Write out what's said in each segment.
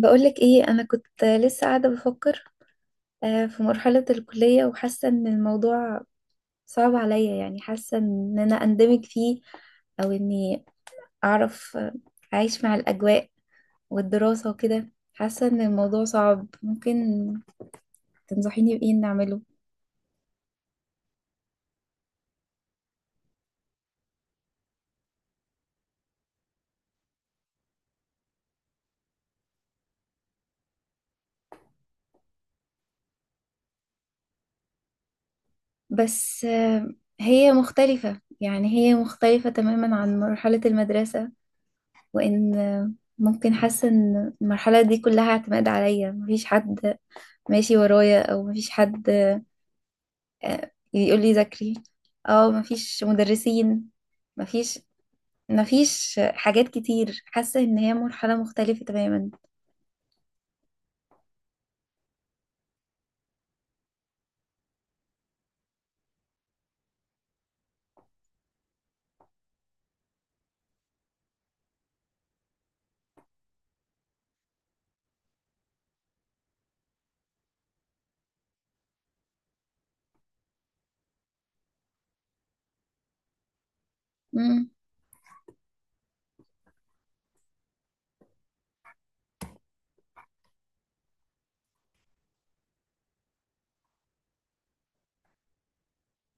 بقولك ايه؟ انا كنت لسه قاعده بفكر. في مرحله الكليه وحاسه ان الموضوع صعب عليا. يعني حاسه ان انا اندمج فيه او اني اعرف، اعيش مع الاجواء والدراسه وكده. حاسه ان الموضوع صعب، ممكن تنصحيني بايه إني اعمله؟ بس هي مختلفه. يعني هي مختلفه تماما عن مرحله المدرسه. وان ممكن حاسه ان المرحله دي كلها اعتماد عليا، مفيش حد ماشي ورايا او مفيش حد يقول لي ذاكري. او مفيش مدرسين، مفيش مفيش حاجات كتير. حاسة ان هي مرحلة مختلفة تماما. امم.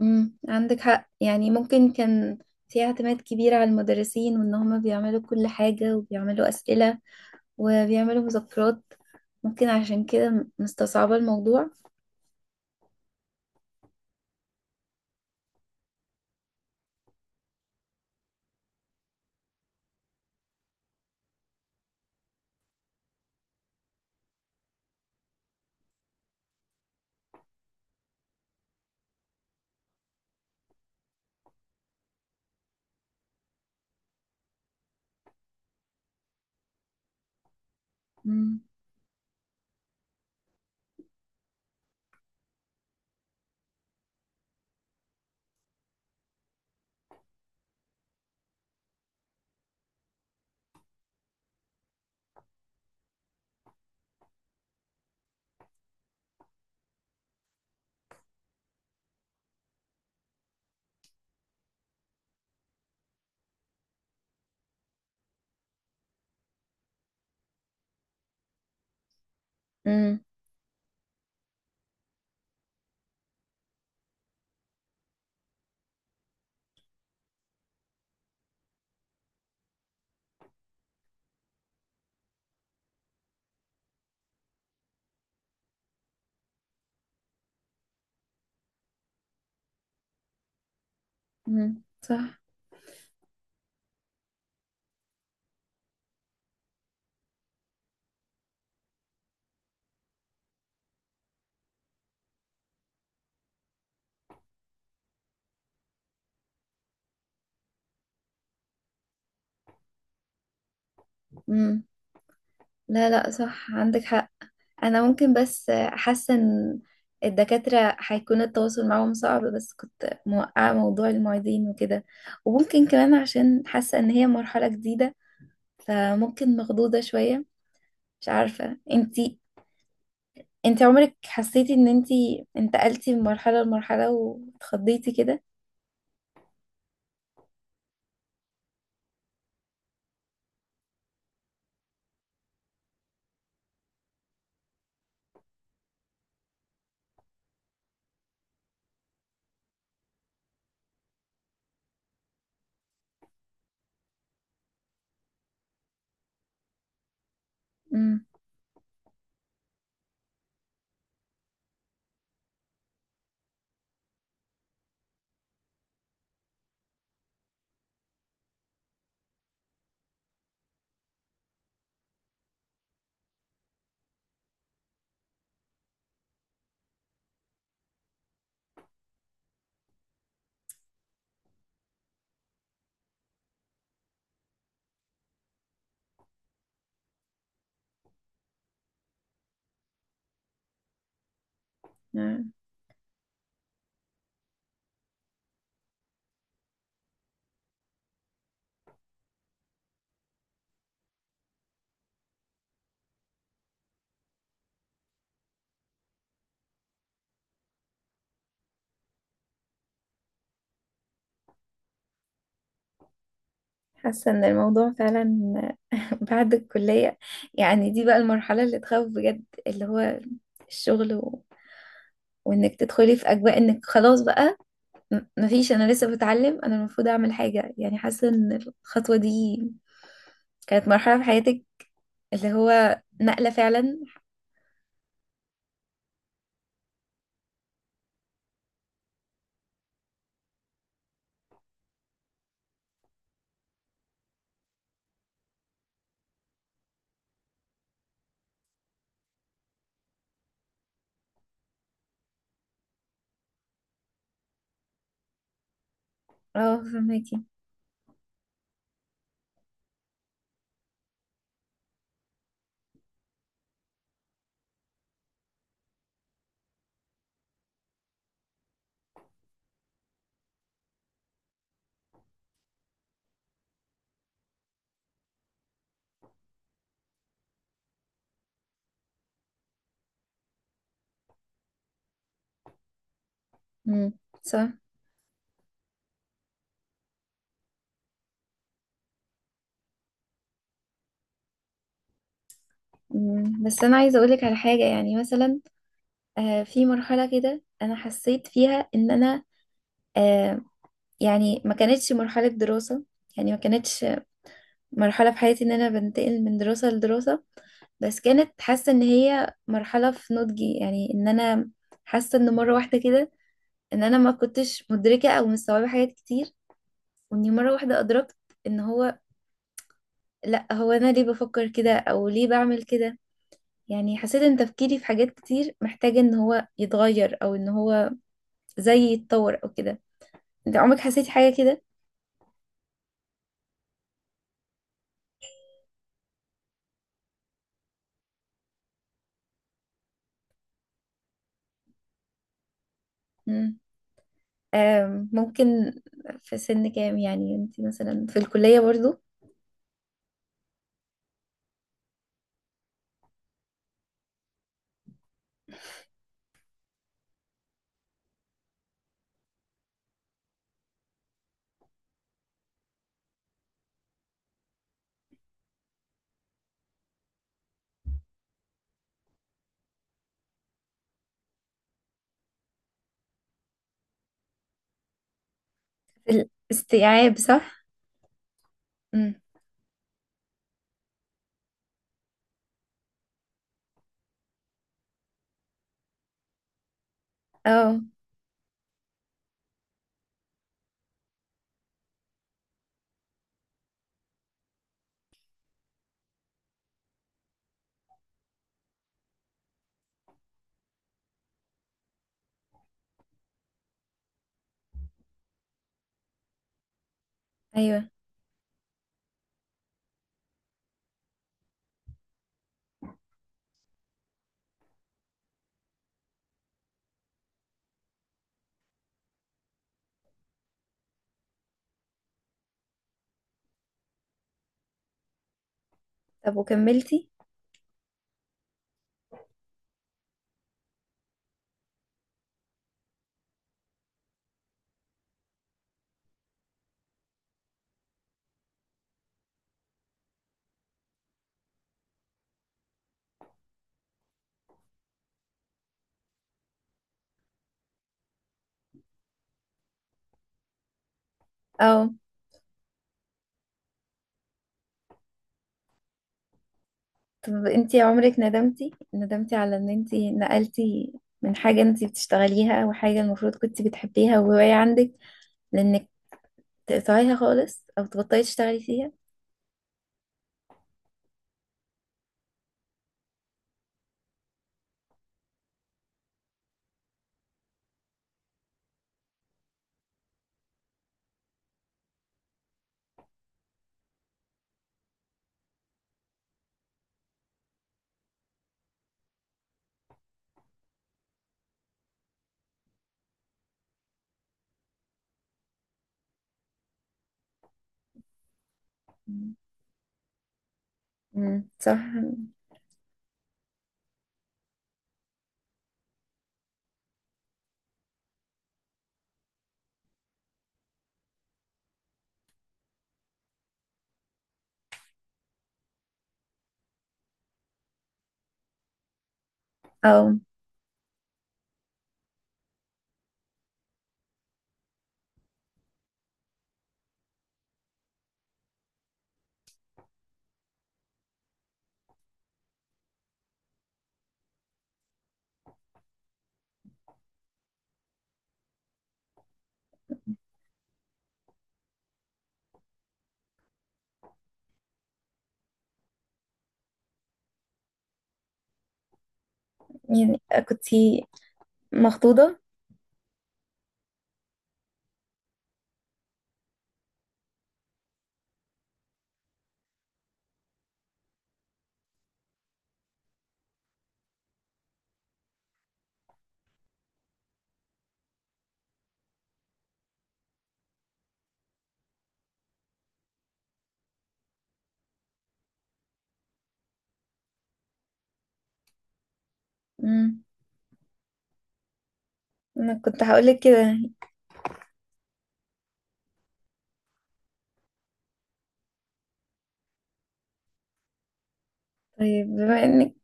عندك حق يعني ممكن كان في اعتماد كبير على المدرسين وان هما بيعملوا كل حاجة وبيعملوا أسئلة وبيعملوا مذكرات ممكن عشان كده مستصعبة الموضوع امم، امم، امم، صح. امم. لا، لا، صح، عندك حق. انا ممكن، بس حاسه ان الدكاتره هيكون التواصل معاهم صعب، بس كنت موقعه موضوع المعيدين وكده. وممكن كمان عشان حاسه ان هي مرحله جديده، فممكن مخضوضه شويه. مش عارفه، انتي عمرك حسيتي ان انتي انتقلتي من مرحله لمرحله واتخضيتي كده؟ امم. نعم. حاسه ان الموضوع فعلا بعد الكليه. يعني دي بقى المرحله اللي تخوف بجد، اللي هو الشغل و... وانك تدخلي في اجواء انك خلاص بقى، مفيش، انا لسه بتعلم، انا المفروض اعمل حاجه. يعني حاسه ان الخطوه دي كانت مرحله في حياتك اللي هو نقله فعلا. اه، فهماكي. امم، صح. مم. بس انا عايزه اقولك على حاجه، يعني مثلا في مرحله كده انا حسيت فيها ان انا، آه يعني ما كانتش مرحله دراسه. يعني ما كانتش مرحله في حياتي ان انا بنتقل من دراسه لدراسه، بس كانت حاسه ان هي مرحله في نضجي. يعني ان انا حاسه ان مره واحده كده ان انا ما كنتش مدركة او مستوعبة حاجات كتير، واني مرة واحدة ادركت ان هو، لا هو انا ليه بفكر كده او ليه بعمل كده. يعني حسيت ان تفكيري في حاجات كتير محتاجة ان هو يتغير او ان هو زي يتطور او كده. انت عمرك حسيتي حاجة كده؟ مم. ممكن. في سن كام يعني؟ انت مثلا في الكلية برضو؟ الاستيعاب، صح. امم. اه. ايوه. طب وكملتي؟ اه. طب انتي عمرك ندمتي، ندمتي على ان انتي نقلتي من حاجة انتي بتشتغليها او حاجة المفروض كنتي بتحبيها وهواية عندك، لانك تقطعيها خالص او تبطلي تشتغلي فيها؟ امم، صح. او يعني كنتي مخطوطة؟ امم. انا كنت هقولك كده. طيب بما انك،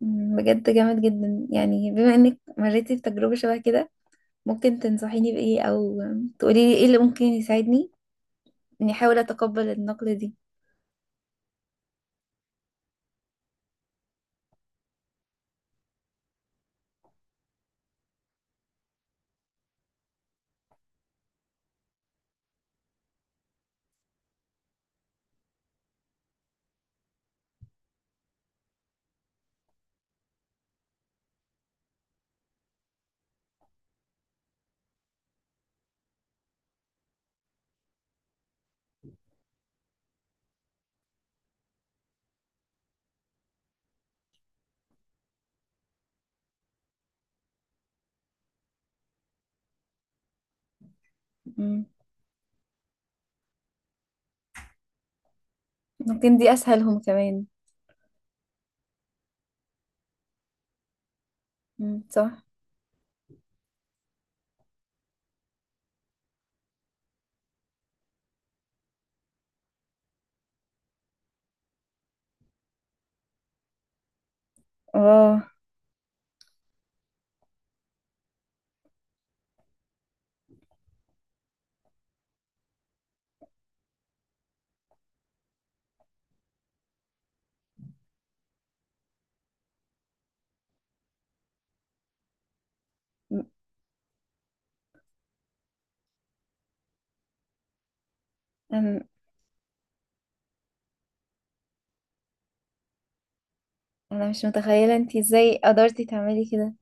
مم، بجد جامد جدا. يعني بما انك مريتي بتجربة شبه كده، ممكن تنصحيني بإيه او تقولي لي ايه اللي ممكن يساعدني اني احاول اتقبل النقلة دي؟ مم، ممكن دي اسهلهم كمان. مم، صح. اه. انا أنا مش متخيلة انتي ازاي قدرتي تعملي كده.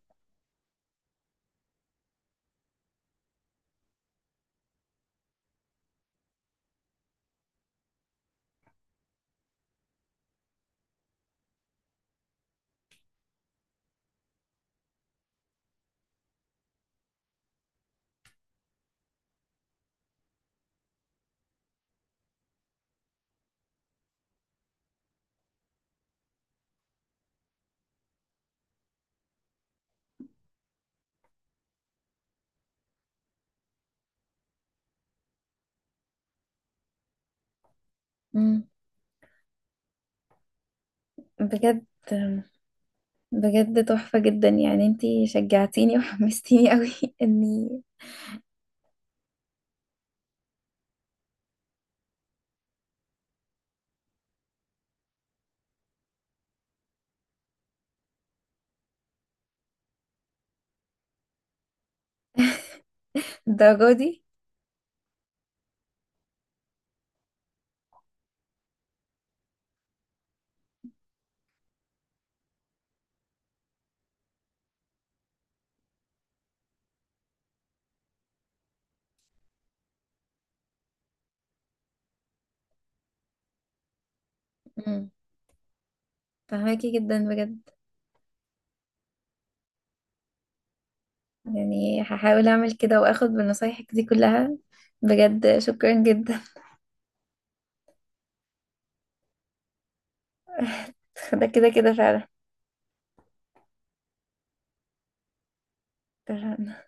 مم، بجد. بجد تحفة جدا. يعني انتي شجعتيني وحمستيني قوي اني الدرجة دي. مم، فهماكي جدا بجد. يعني هحاول اعمل كده واخد بنصايحك دي كلها. بجد شكرا جدا. ده كده كده. فعلا.